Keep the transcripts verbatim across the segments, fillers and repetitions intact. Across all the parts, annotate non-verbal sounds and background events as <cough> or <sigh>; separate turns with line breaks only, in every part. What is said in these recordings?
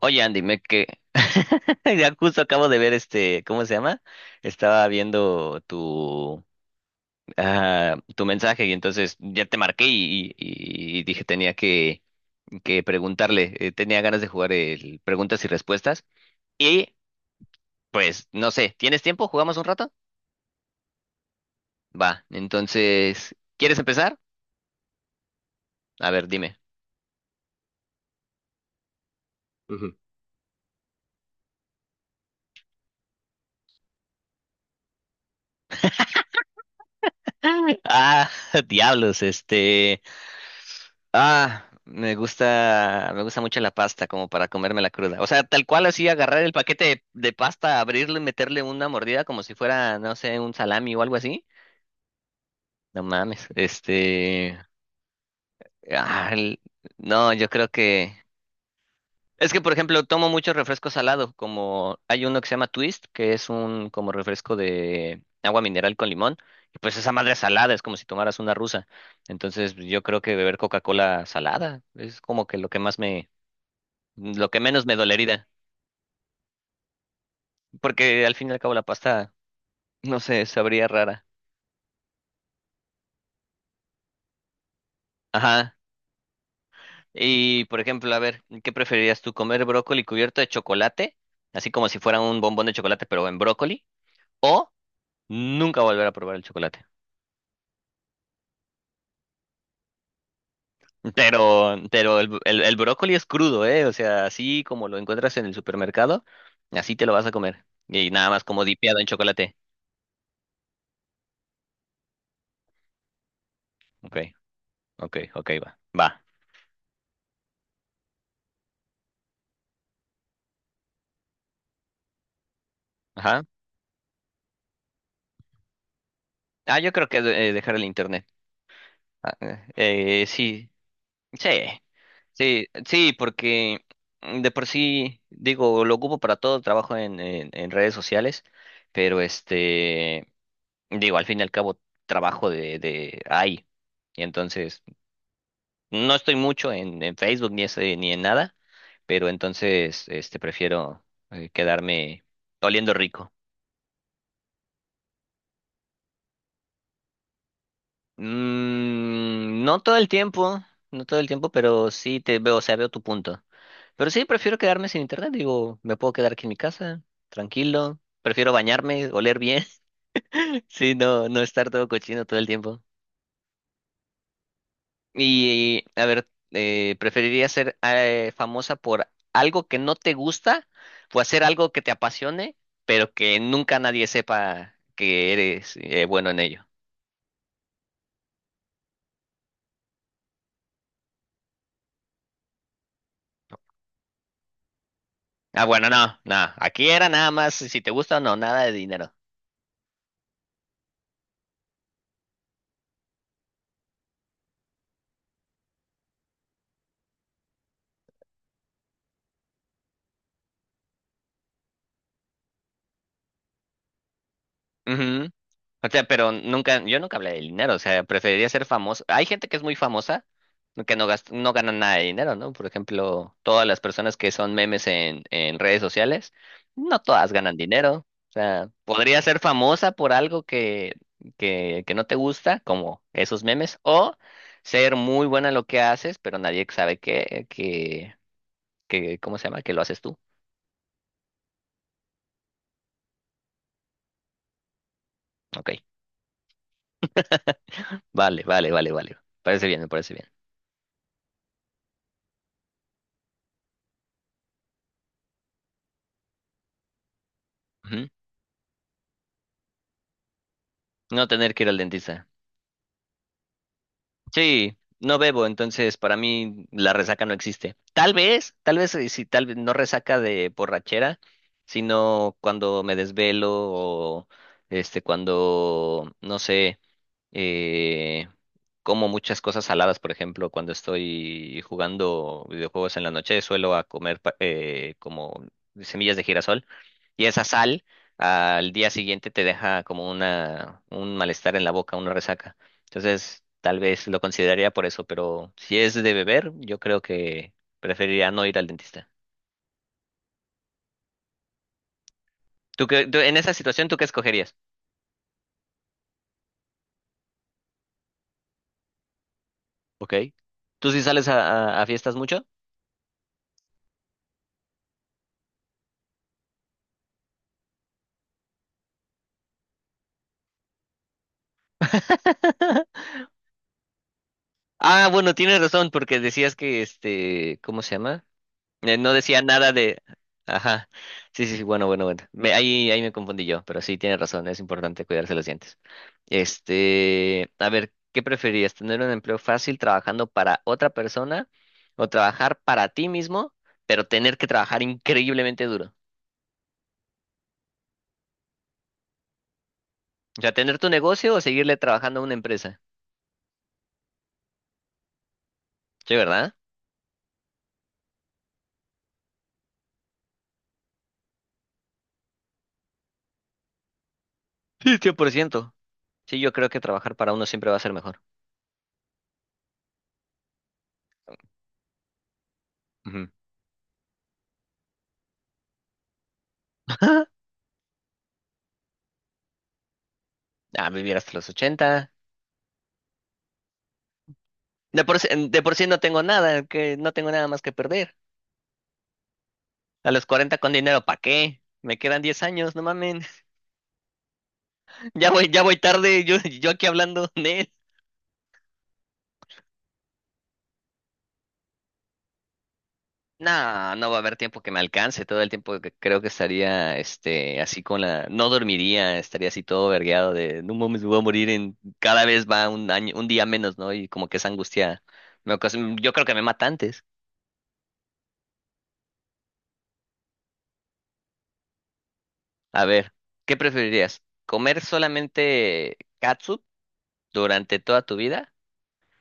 Oye, Andy, me que <laughs> ya justo acabo de ver este, ¿cómo se llama? Estaba viendo tu ah, tu mensaje y entonces ya te marqué y, y- y dije tenía que que preguntarle, eh, tenía ganas de jugar el preguntas y respuestas y pues no sé, ¿tienes tiempo? ¿Jugamos un rato? Va, entonces, ¿quieres empezar? A ver, dime. Ujú. <laughs> Ah, <laughs> diablos, este. Ah, me gusta, me gusta mucho la pasta como para comérmela cruda. O sea, tal cual así agarrar el paquete de, de pasta, abrirlo y meterle una mordida como si fuera, no sé, un salami o algo así. No mames, este, ah, el- no, yo creo que es que por ejemplo tomo mucho refresco salado, como hay uno que se llama Twist, que es un como refresco de agua mineral con limón. Y pues esa madre es salada, es como si tomaras una rusa. Entonces, yo creo que beber Coca-Cola salada es como que lo que más lo que menos me dolería, porque al fin y al cabo la pasta, no sé, sabría rara. Ajá. Y por ejemplo, a ver, ¿qué preferirías tú, comer brócoli cubierto de chocolate, así como si fuera un bombón de chocolate, pero en brócoli, o nunca volver a probar el chocolate? Pero, pero el, el, el brócoli es crudo, ¿eh? O sea, así como lo encuentras en el supermercado, así te lo vas a comer. Y nada más como dipeado en chocolate. Ok, ok, ok, va, va. Ajá. Ah, yo creo que de- eh, dejar el internet. Ah, eh, eh, sí. Sí, sí, sí, porque mm, de por sí, digo, lo ocupo para todo, trabajo en, en, en redes sociales, pero este, digo, al fin y al cabo trabajo de, de ahí. Y entonces, no estoy mucho en, en Facebook ni, ese, ni en nada, pero entonces, este, prefiero eh, quedarme oliendo rico. Mm, no todo el tiempo, no todo el tiempo, pero sí te veo, o sea, veo tu punto. Pero sí, prefiero quedarme sin internet, digo, me puedo quedar aquí en mi casa, tranquilo. Prefiero bañarme, oler bien. <laughs> Sí, no, no estar todo cochino todo el tiempo. Y, a ver, eh, ¿preferirías ser eh, famosa por algo que no te gusta o hacer algo que te apasione, pero que nunca nadie sepa que eres eh, bueno en ello? Ah, bueno, no, no. Aquí era nada más si te gusta o no, nada de dinero. Ujú. O sea, pero nunca, yo nunca hablé de dinero, o sea, preferiría ser famoso. Hay gente que es muy famosa que no gasta, no gana nada de dinero, ¿no? Por ejemplo, todas las personas que son memes en, en redes sociales, no todas ganan dinero. O sea, podría ser famosa por algo que, que, que no te gusta, como esos memes, o ser muy buena en lo que haces, pero nadie sabe que, que, que, ¿cómo se llama? Que lo haces tú. Ok. Vale, vale, vale, vale. Parece bien, me parece bien. Ujú. No tener que ir al dentista. Sí, no bebo, entonces para mí la resaca no existe. Tal vez, tal vez eh, sí, tal vez no resaca de borrachera, sino cuando me desvelo o este cuando no sé, eh, como muchas cosas saladas, por ejemplo, cuando estoy jugando videojuegos en la noche, suelo a comer pa- eh, como semillas de girasol y esa sal al día siguiente te deja como una un malestar en la boca, una resaca. Entonces, tal vez lo consideraría por eso, pero si es de beber, yo creo que preferiría no ir al dentista. ¿Tú qué- tú- en esa situación, ¿tú qué escogerías? Ok. ¿Tú sí sales a, a- a fiestas mucho? Ah, bueno, tienes razón, porque decías que este, ¿cómo se llama? Eh, No decía nada de... Ajá. Sí, sí, sí, bueno, bueno, bueno. Me- ahí, ahí me confundí yo, pero sí, tiene razón, es importante cuidarse los dientes. Este, a ver, ¿qué preferirías? ¿Tener un empleo fácil trabajando para otra persona o trabajar para ti mismo, pero tener que trabajar increíblemente duro? O sea, tener tu negocio o seguirle trabajando a una empresa. Sí, ¿verdad? Sí, cien por ciento. Sí, yo creo que trabajar para uno siempre va a ser mejor. Ujú. <laughs> Ah, vivir hasta los ochenta. De por sí, de por sí no tengo nada, que no tengo nada más que perder. A los cuarenta con dinero, ¿para qué? Me quedan diez años, no mamen. <laughs> Ya voy, ya voy tarde, yo, yo aquí hablando de él. No, no va a haber tiempo que me alcance, todo el tiempo que creo que estaría, este, así con la, no dormiría, estaría así todo vergueado de, no mames, me voy a morir en, cada vez va un año, un día menos, ¿no? Y como que esa angustia me ocasiona, yo creo que me mata antes. A ver, ¿qué preferirías? ¿Comer solamente catsup durante toda tu vida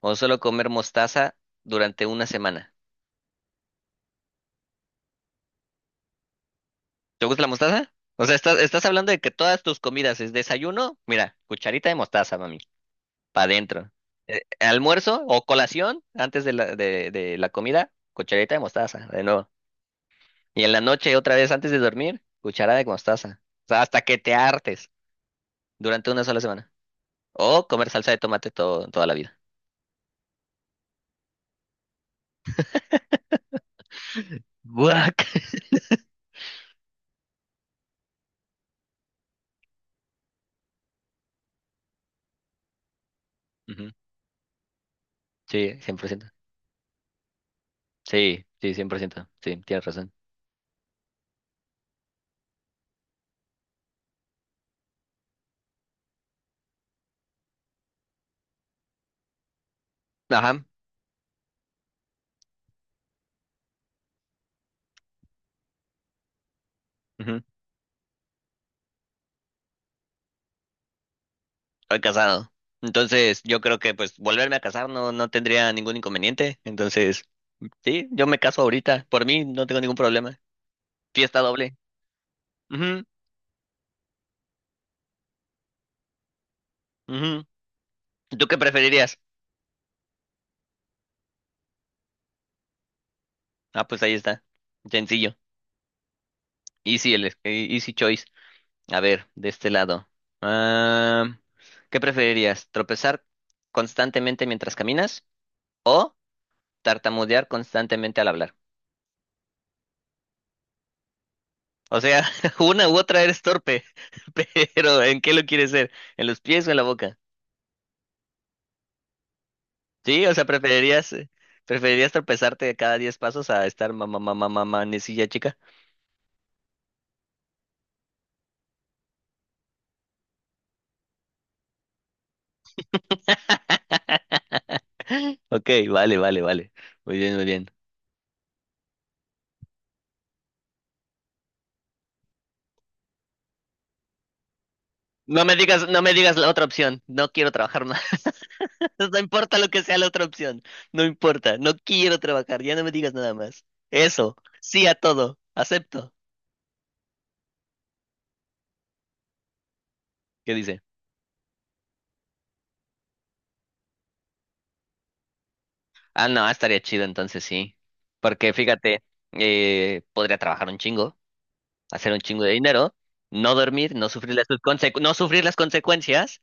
o solo comer mostaza durante una semana? ¿Te gusta la mostaza? O sea, estás, estás hablando de que todas tus comidas es desayuno, mira, cucharita de mostaza, mami, para adentro. Eh, almuerzo o colación antes de la, de, de la comida, cucharita de mostaza, de nuevo. Y en la noche, otra vez antes de dormir, cucharada de mostaza. O sea, hasta que te hartes durante una sola semana. O comer salsa de tomate todo, toda la vida. Guac. <laughs> Ujú. Sí, cien por ciento. Sí, sí, cien por ciento. Sí, tienes razón. Ajá. Ujú. Soy casado. Entonces, yo creo que pues volverme a casar no, no tendría ningún inconveniente. Entonces, sí, yo me caso ahorita. Por mí no tengo ningún problema. Fiesta doble. Ujú, ujú. ¿Tú qué preferirías? Ah, pues ahí está. Sencillo. Easy, el, eh, easy choice. A ver, de este lado. Ah, ¿qué preferirías? ¿Tropezar constantemente mientras caminas o tartamudear constantemente al hablar? O sea, <laughs> una u otra eres torpe, <laughs> pero ¿en qué lo quieres ser? ¿En los pies o en la boca? Sí, o sea, preferirías, eh, preferirías tropezarte cada diez pasos a estar mamá, mamá, mamá, necilla chica. <laughs> Ok, vale, vale, vale. Muy bien, muy bien. No me digas, no me digas la otra opción. No quiero trabajar más. <laughs> No importa lo que sea la otra opción. No importa. No quiero trabajar. Ya no me digas nada más. Eso. Sí a todo. Acepto. ¿Qué dice? Ah, no, estaría chido entonces sí. Porque fíjate, eh, podría trabajar un chingo, hacer un chingo de dinero, no dormir, no sufrir las consecu- no sufrir las consecuencias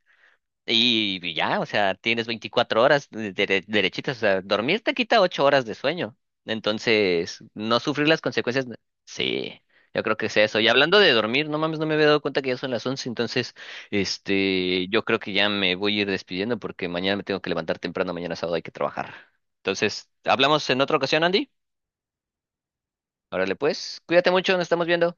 y y ya, o sea, tienes veinticuatro horas de- dere- derechitas, o sea, dormir te quita ocho horas de sueño. Entonces, no sufrir las consecuencias, n- sí, yo creo que es eso. Y hablando de dormir, no mames, no me había dado cuenta que ya son las once entonces, este, yo creo que ya me voy a ir despidiendo porque mañana me tengo que levantar temprano, mañana sábado hay que trabajar. Entonces, hablamos en otra ocasión, Andy. Órale, pues, cuídate mucho, nos estamos viendo.